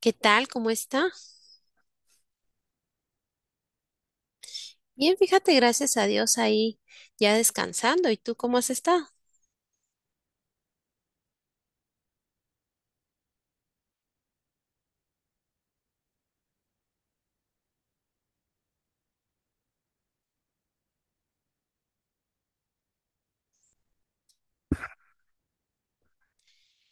¿Qué tal? ¿Cómo está? Bien, fíjate, gracias a Dios ahí ya descansando. ¿Y tú cómo has estado?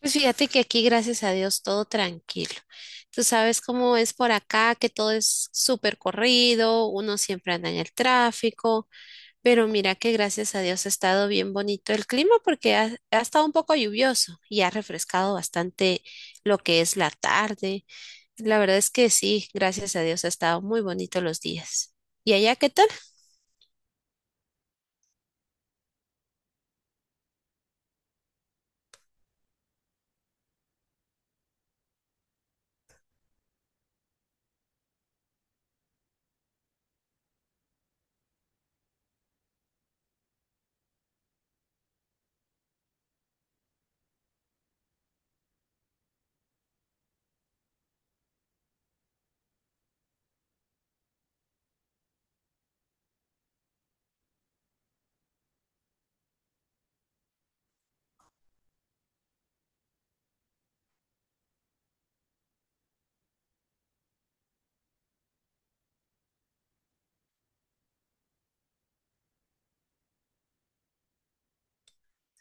Pues fíjate que aquí, gracias a Dios, todo tranquilo. Tú sabes cómo es por acá, que todo es súper corrido, uno siempre anda en el tráfico. Pero mira que gracias a Dios ha estado bien bonito el clima porque ha estado un poco lluvioso y ha refrescado bastante lo que es la tarde. La verdad es que sí, gracias a Dios ha estado muy bonito los días. ¿Y allá qué tal?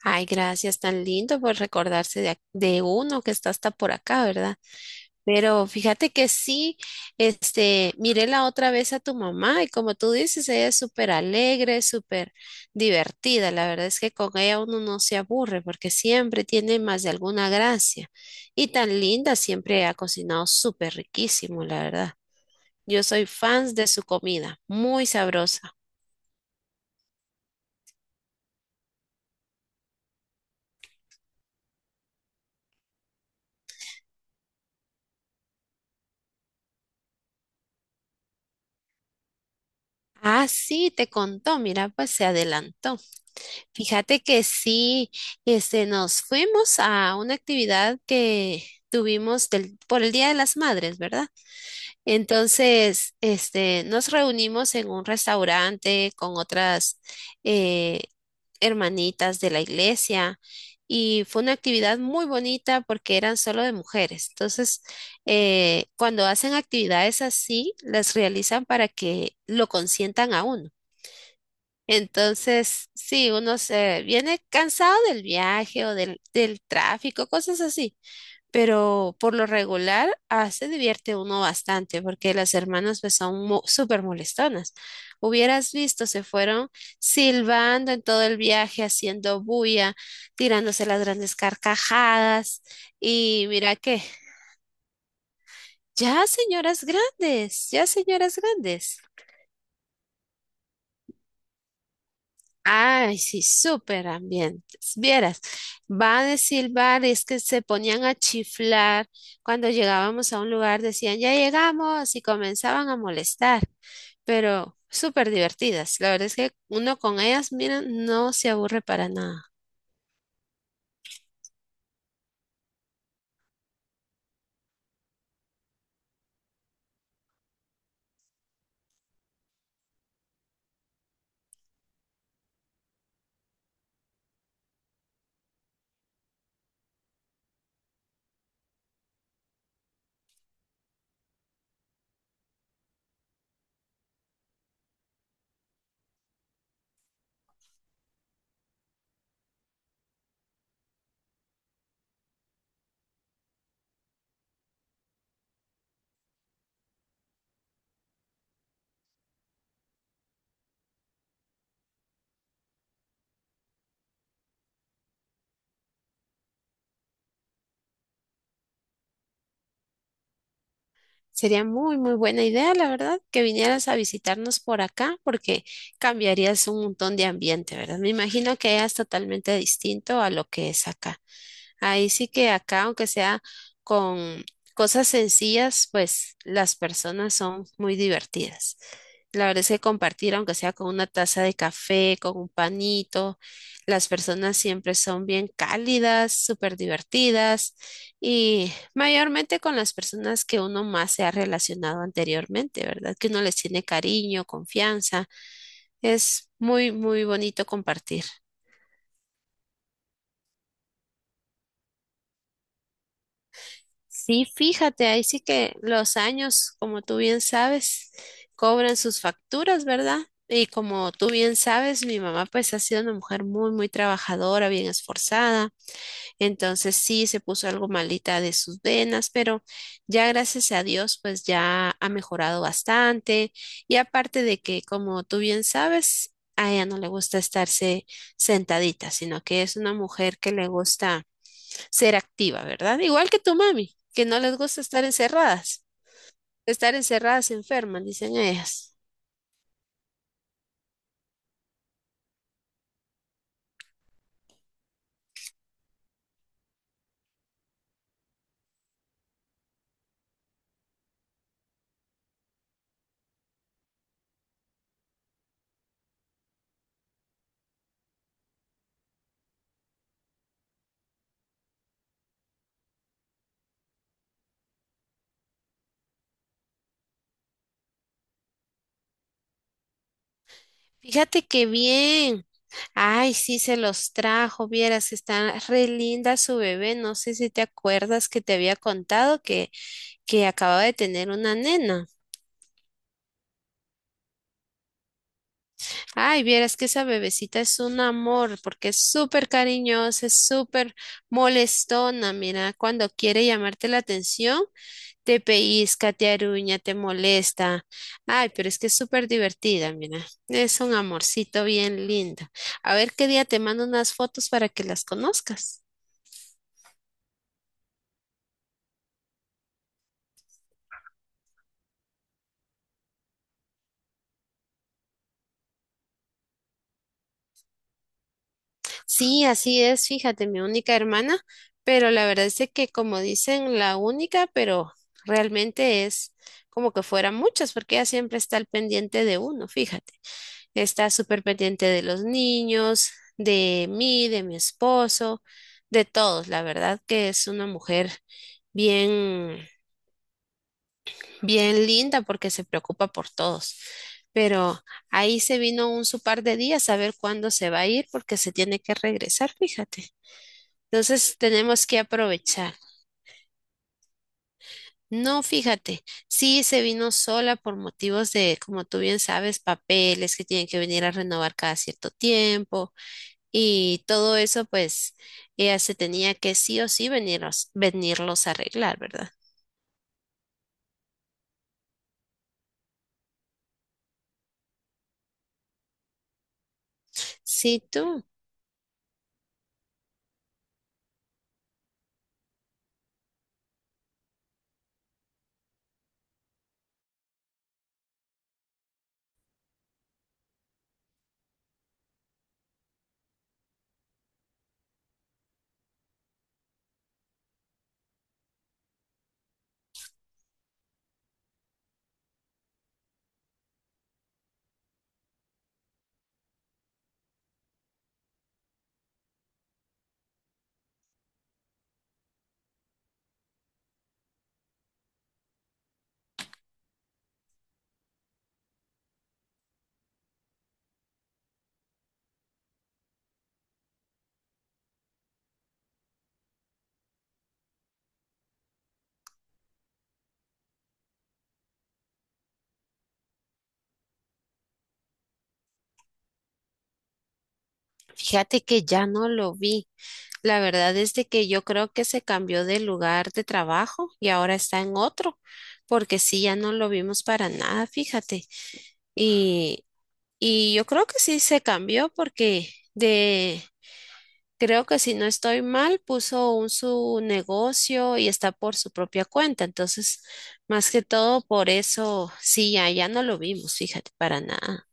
Ay, gracias, tan lindo por recordarse de, de uno que está hasta por acá, ¿verdad? Pero fíjate que sí, miré la otra vez a tu mamá y como tú dices, ella es súper alegre, súper divertida. La verdad es que con ella uno no se aburre porque siempre tiene más de alguna gracia. Y tan linda, siempre ha cocinado súper riquísimo, la verdad. Yo soy fan de su comida, muy sabrosa. Ah, sí, te contó, mira, pues se adelantó. Fíjate que sí, nos fuimos a una actividad que tuvimos por el Día de las Madres, ¿verdad? Entonces, nos reunimos en un restaurante con otras eh, hermanitas de la iglesia y fue una actividad muy bonita porque eran solo de mujeres. Entonces, cuando hacen actividades así, las realizan para que lo consientan a uno. Entonces, sí, uno se viene cansado del viaje o del tráfico, cosas así, pero por lo regular se divierte uno bastante porque las hermanas pues son súper molestonas. Hubieras visto, se fueron silbando en todo el viaje, haciendo bulla, tirándose las grandes carcajadas y mira que, ya señoras grandes, ya señoras grandes. Ay, sí, súper ambientes. Vieras, va a decir bares que se ponían a chiflar cuando llegábamos a un lugar, decían, ya llegamos y comenzaban a molestar, pero súper divertidas. La verdad es que uno con ellas, mira, no se aburre para nada. Sería muy, muy buena idea, la verdad, que vinieras a visitarnos por acá porque cambiarías un montón de ambiente, ¿verdad? Me imagino que es totalmente distinto a lo que es acá. Ahí sí que acá, aunque sea con cosas sencillas, pues las personas son muy divertidas. La verdad es que compartir, aunque sea con una taza de café, con un panito, las personas siempre son bien cálidas, súper divertidas y mayormente con las personas que uno más se ha relacionado anteriormente, ¿verdad? Que uno les tiene cariño, confianza. Es muy, muy bonito compartir. Sí, fíjate, ahí sí que los años, como tú bien sabes, cobran sus facturas, ¿verdad? Y como tú bien sabes, mi mamá pues ha sido una mujer muy, muy trabajadora, bien esforzada. Entonces sí, se puso algo malita de sus venas, pero ya gracias a Dios pues ya ha mejorado bastante. Y aparte de que, como tú bien sabes, a ella no le gusta estarse sentadita, sino que es una mujer que le gusta ser activa, ¿verdad? Igual que tu mami, que no les gusta estar encerradas. Estar encerradas enfermas, dicen ellas. Fíjate qué bien. Ay, sí, se los trajo, vieras, que está re linda su bebé. No sé si te acuerdas que te había contado que acababa de tener una nena. Ay, vieras que esa bebecita es un amor, porque es súper cariñosa, es súper molestona. Mira, cuando quiere llamarte la atención, te pellizca, te aruña, te molesta. Ay, pero es que es súper divertida, mira. Es un amorcito bien lindo. A ver qué día te mando unas fotos para que las conozcas. Sí, así es, fíjate, mi única hermana, pero la verdad es de que como dicen, la única, pero realmente es como que fueran muchas, porque ella siempre está al pendiente de uno, fíjate. Está súper pendiente de los niños, de mí, de mi esposo, de todos. La verdad que es una mujer bien, bien linda porque se preocupa por todos. Pero ahí se vino un su par de días a ver cuándo se va a ir porque se tiene que regresar, fíjate. Entonces tenemos que aprovechar. No, fíjate, sí se vino sola por motivos de, como tú bien sabes, papeles que tienen que venir a renovar cada cierto tiempo. Y todo eso, pues, ella se tenía que sí o sí venirlos, a arreglar, ¿verdad? Sí, tú. Fíjate que ya no lo vi. La verdad es de que yo creo que se cambió de lugar de trabajo y ahora está en otro, porque sí, ya no lo vimos para nada, fíjate. Y, y yo creo que sí se cambió porque de, creo que si no estoy mal, puso un su negocio y está por su propia cuenta. Entonces, más que todo por eso, sí, ya no lo vimos, fíjate, para nada.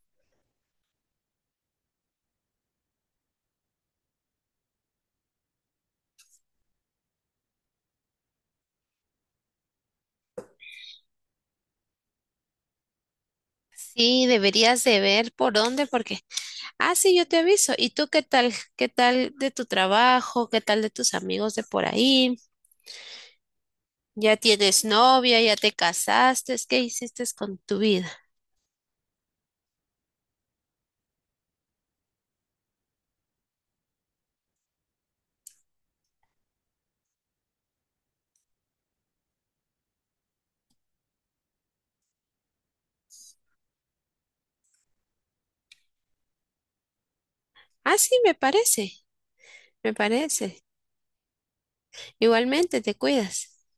Sí, deberías de ver por dónde, porque, ah, sí, yo te aviso. ¿Y tú qué tal? ¿Qué tal de tu trabajo? ¿Qué tal de tus amigos de por ahí? ¿Ya tienes novia? ¿Ya te casaste? ¿Qué hiciste con tu vida? Ah, sí, me parece, me parece. Igualmente, te cuidas.